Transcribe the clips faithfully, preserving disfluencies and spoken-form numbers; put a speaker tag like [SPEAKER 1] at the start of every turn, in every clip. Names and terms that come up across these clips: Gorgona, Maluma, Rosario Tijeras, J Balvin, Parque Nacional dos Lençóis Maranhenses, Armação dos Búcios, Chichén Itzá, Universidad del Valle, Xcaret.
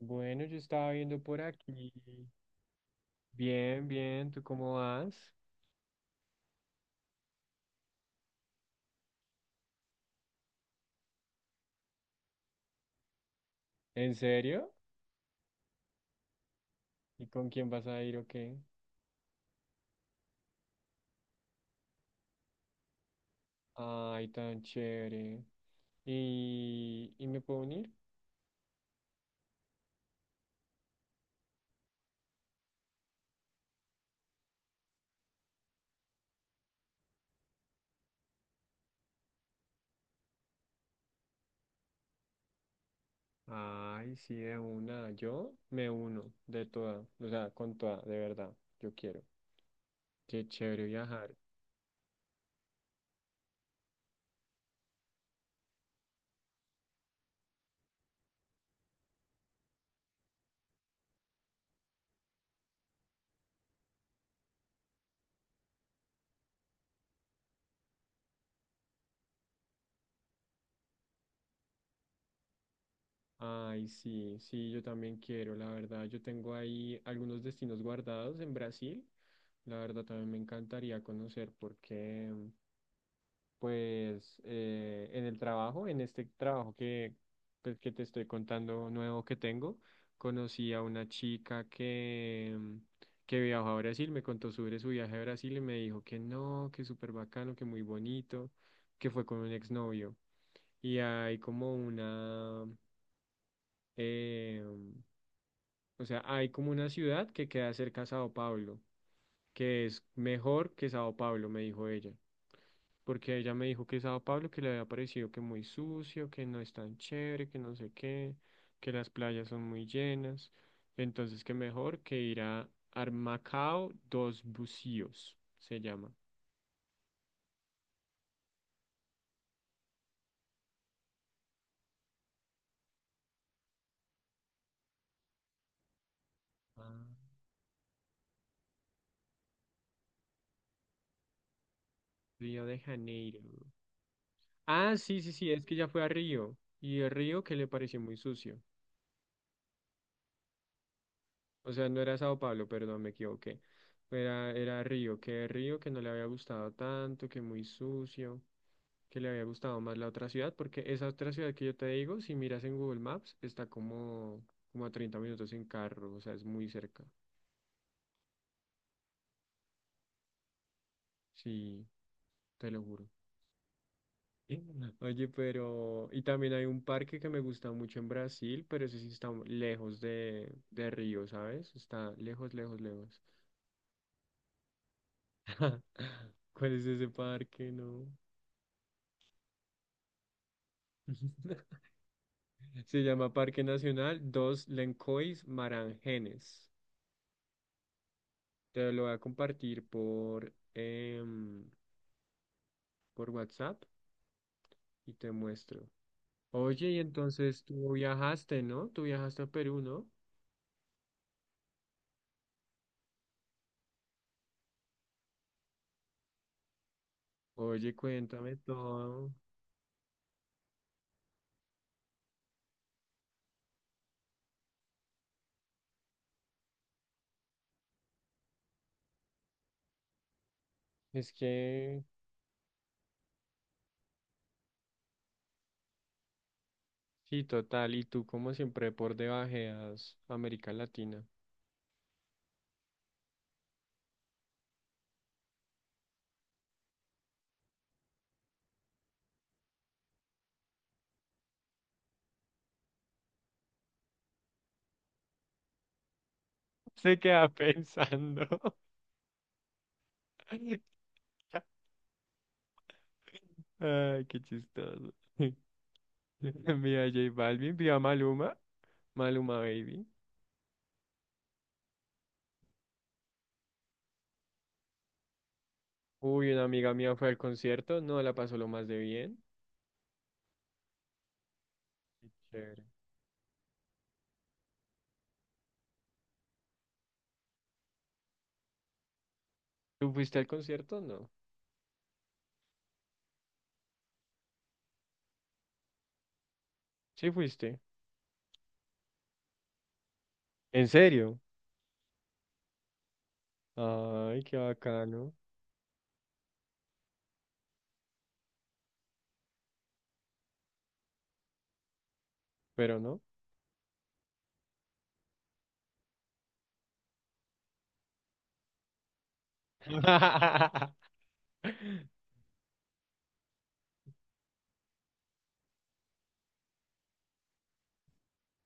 [SPEAKER 1] Bueno, yo estaba viendo por aquí. Bien, bien, ¿tú cómo vas? ¿En serio? ¿Y con quién vas a ir o qué? Ay, tan chévere. ¿Y, y me puedo unir? Ay, sí, de una. Yo me uno de toda, o sea, con toda, de verdad. Yo quiero. Qué chévere viajar. Ay, sí, sí, yo también quiero, la verdad. Yo tengo ahí algunos destinos guardados en Brasil. La verdad, también me encantaría conocer porque pues eh, en el trabajo, en este trabajo que, pues, que te estoy contando nuevo que tengo, conocí a una chica que, mm, que viajó a Brasil, me contó sobre su viaje a Brasil y me dijo que no, que súper bacano, que muy bonito, que fue con un exnovio. Y hay como una, em, o sea, hay como una ciudad que queda cerca a Sao Paulo, que es mejor que Sao Paulo, me dijo ella. Porque ella me dijo que Sao Paulo, que le había parecido que muy sucio, que no es tan chévere, que no sé qué, que las playas son muy llenas. Entonces, que mejor que ir a Armacao dos Bucíos, se llama. Ah, Río de Janeiro. Ah, sí, sí, sí, es que ya fue a Río. Y el Río que le pareció muy sucio. O sea, no era Sao Paulo, perdón, me equivoqué. Era, era Río, que Río que no le había gustado tanto, que muy sucio, que le había gustado más la otra ciudad, porque esa otra ciudad que yo te digo, si miras en Google Maps, está como, como a treinta minutos en carro, o sea, es muy cerca. Sí, te lo juro. Oye, pero... Y también hay un parque que me gusta mucho en Brasil, pero ese sí está lejos de, de Río, ¿sabes? Está lejos, lejos, lejos. ¿Cuál es ese parque? No. Se llama Parque Nacional Dos Lencois Marangenes. Te lo voy a compartir por, em, por WhatsApp y te muestro. Oye, y entonces tú viajaste, ¿no? Tú viajaste a Perú, ¿no? Oye, cuéntame todo. Es que, sí, total. Y tú, como siempre, por debajeas América Latina. Se queda pensando. Ay, qué chistoso. Vio a J Balvin, vio a Maluma. Maluma Baby. Uy, una amiga mía fue al concierto, no la pasó lo más de bien. Qué chévere. ¿Tú fuiste al concierto? No. Sí fuiste. ¿En serio? Ay, qué bacano. Pero no.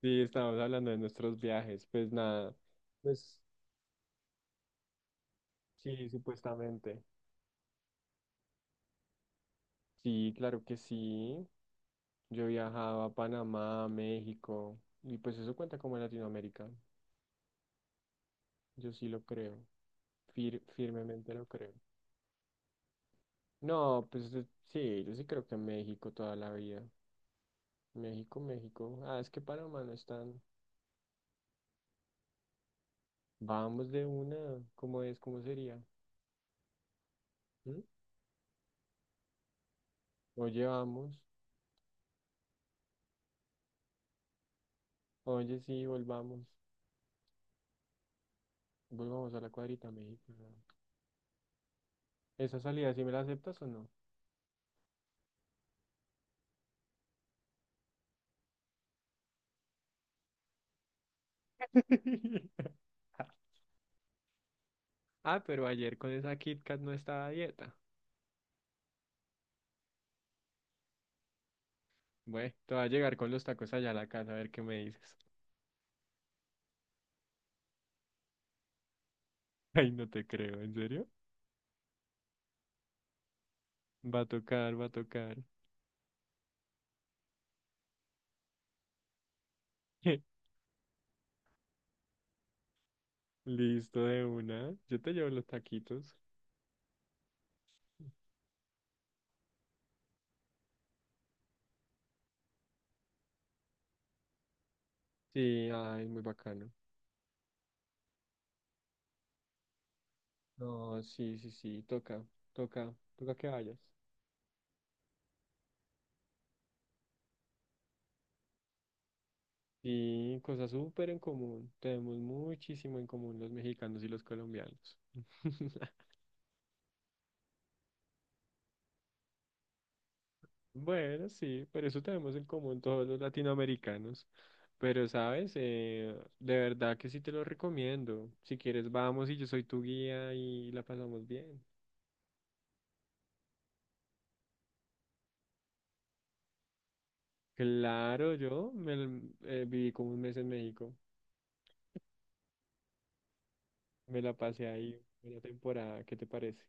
[SPEAKER 1] Sí, estamos hablando de nuestros viajes. Pues nada. Pues sí, supuestamente. Sí, claro que sí. Yo viajaba a Panamá, a México. Y pues eso cuenta como Latinoamérica. Yo sí lo creo. fir- firmemente lo creo. No, pues eh, sí, yo sí creo que México toda la vida. México, México. Ah, es que Panamá no están. Vamos de una. ¿Cómo es? ¿Cómo sería? ¿Mm? Oye, vamos. Oye, sí, volvamos. Volvamos a la cuadrita México. ¿No? ¿Esa salida sí me la aceptas o no? Ah, pero ayer con esa Kit Kat no estaba a dieta. Bueno, te voy a llegar con los tacos allá a la casa a ver qué me dices. Ay, no te creo, ¿en serio? Va a tocar, va a tocar. Listo de una. Yo te llevo los taquitos. Sí, ay, muy bacano. No, sí, sí, sí, toca, toca, toca que vayas. Sí, cosas súper en común. Tenemos muchísimo en común los mexicanos y los colombianos. Bueno, sí, pero eso tenemos en común todos los latinoamericanos. Pero, ¿sabes? Eh, de verdad que sí te lo recomiendo. Si quieres, vamos y yo soy tu guía y la pasamos bien. Claro, yo me, l- eh, viví como un mes en México. Me la pasé ahí una temporada. ¿Qué te parece?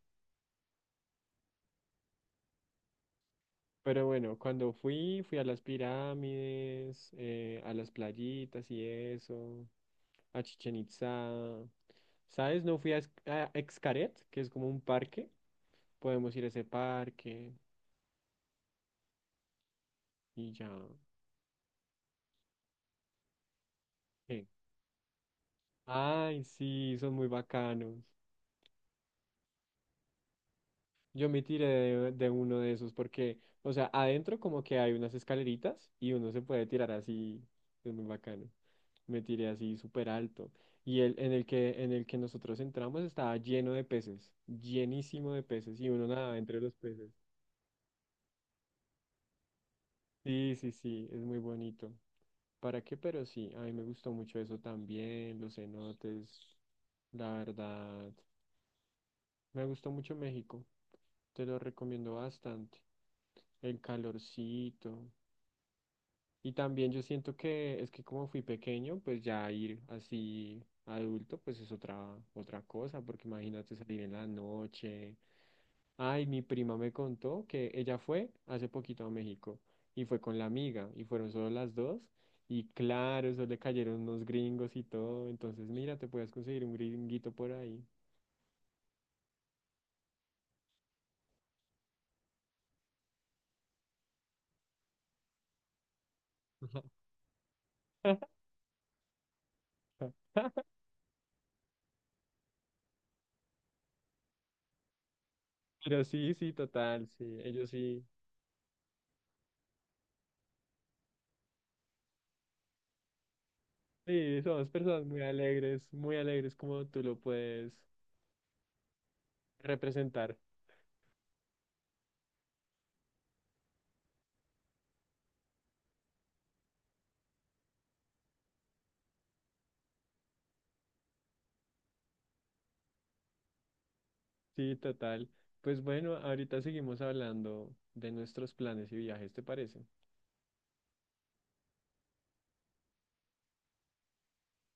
[SPEAKER 1] Pero bueno, cuando fui, fui a las pirámides, eh, a las playitas y eso, a Chichen Itzá. ¿Sabes? No fui a, Ex- a Xcaret, que es como un parque. Podemos ir a ese parque y ya. ¿Qué? Ay, sí, son muy bacanos. Yo me tiré de, de uno de esos porque, o sea, adentro como que hay unas escaleritas y uno se puede tirar así, es muy bacano. Me tiré así súper alto. Y el en el que, en el que nosotros entramos estaba lleno de peces, llenísimo de peces y uno nadaba entre los peces. Sí, sí, sí, es muy bonito. ¿Para qué? Pero sí, a mí me gustó mucho eso también, los cenotes, la verdad. Me gustó mucho México, te lo recomiendo bastante. El calorcito. Y también yo siento que es que como fui pequeño, pues ya ir así adulto, pues es otra, otra cosa, porque imagínate salir en la noche. Ay, mi prima me contó que ella fue hace poquito a México y fue con la amiga y fueron solo las dos y claro, eso le cayeron unos gringos y todo, entonces mira, te puedes conseguir un gringuito por ahí. Pero sí, sí, total, sí, ellos sí, sí, somos personas muy alegres, muy alegres como tú lo puedes representar, sí, total. Pues bueno, ahorita seguimos hablando de nuestros planes y viajes, ¿te parece?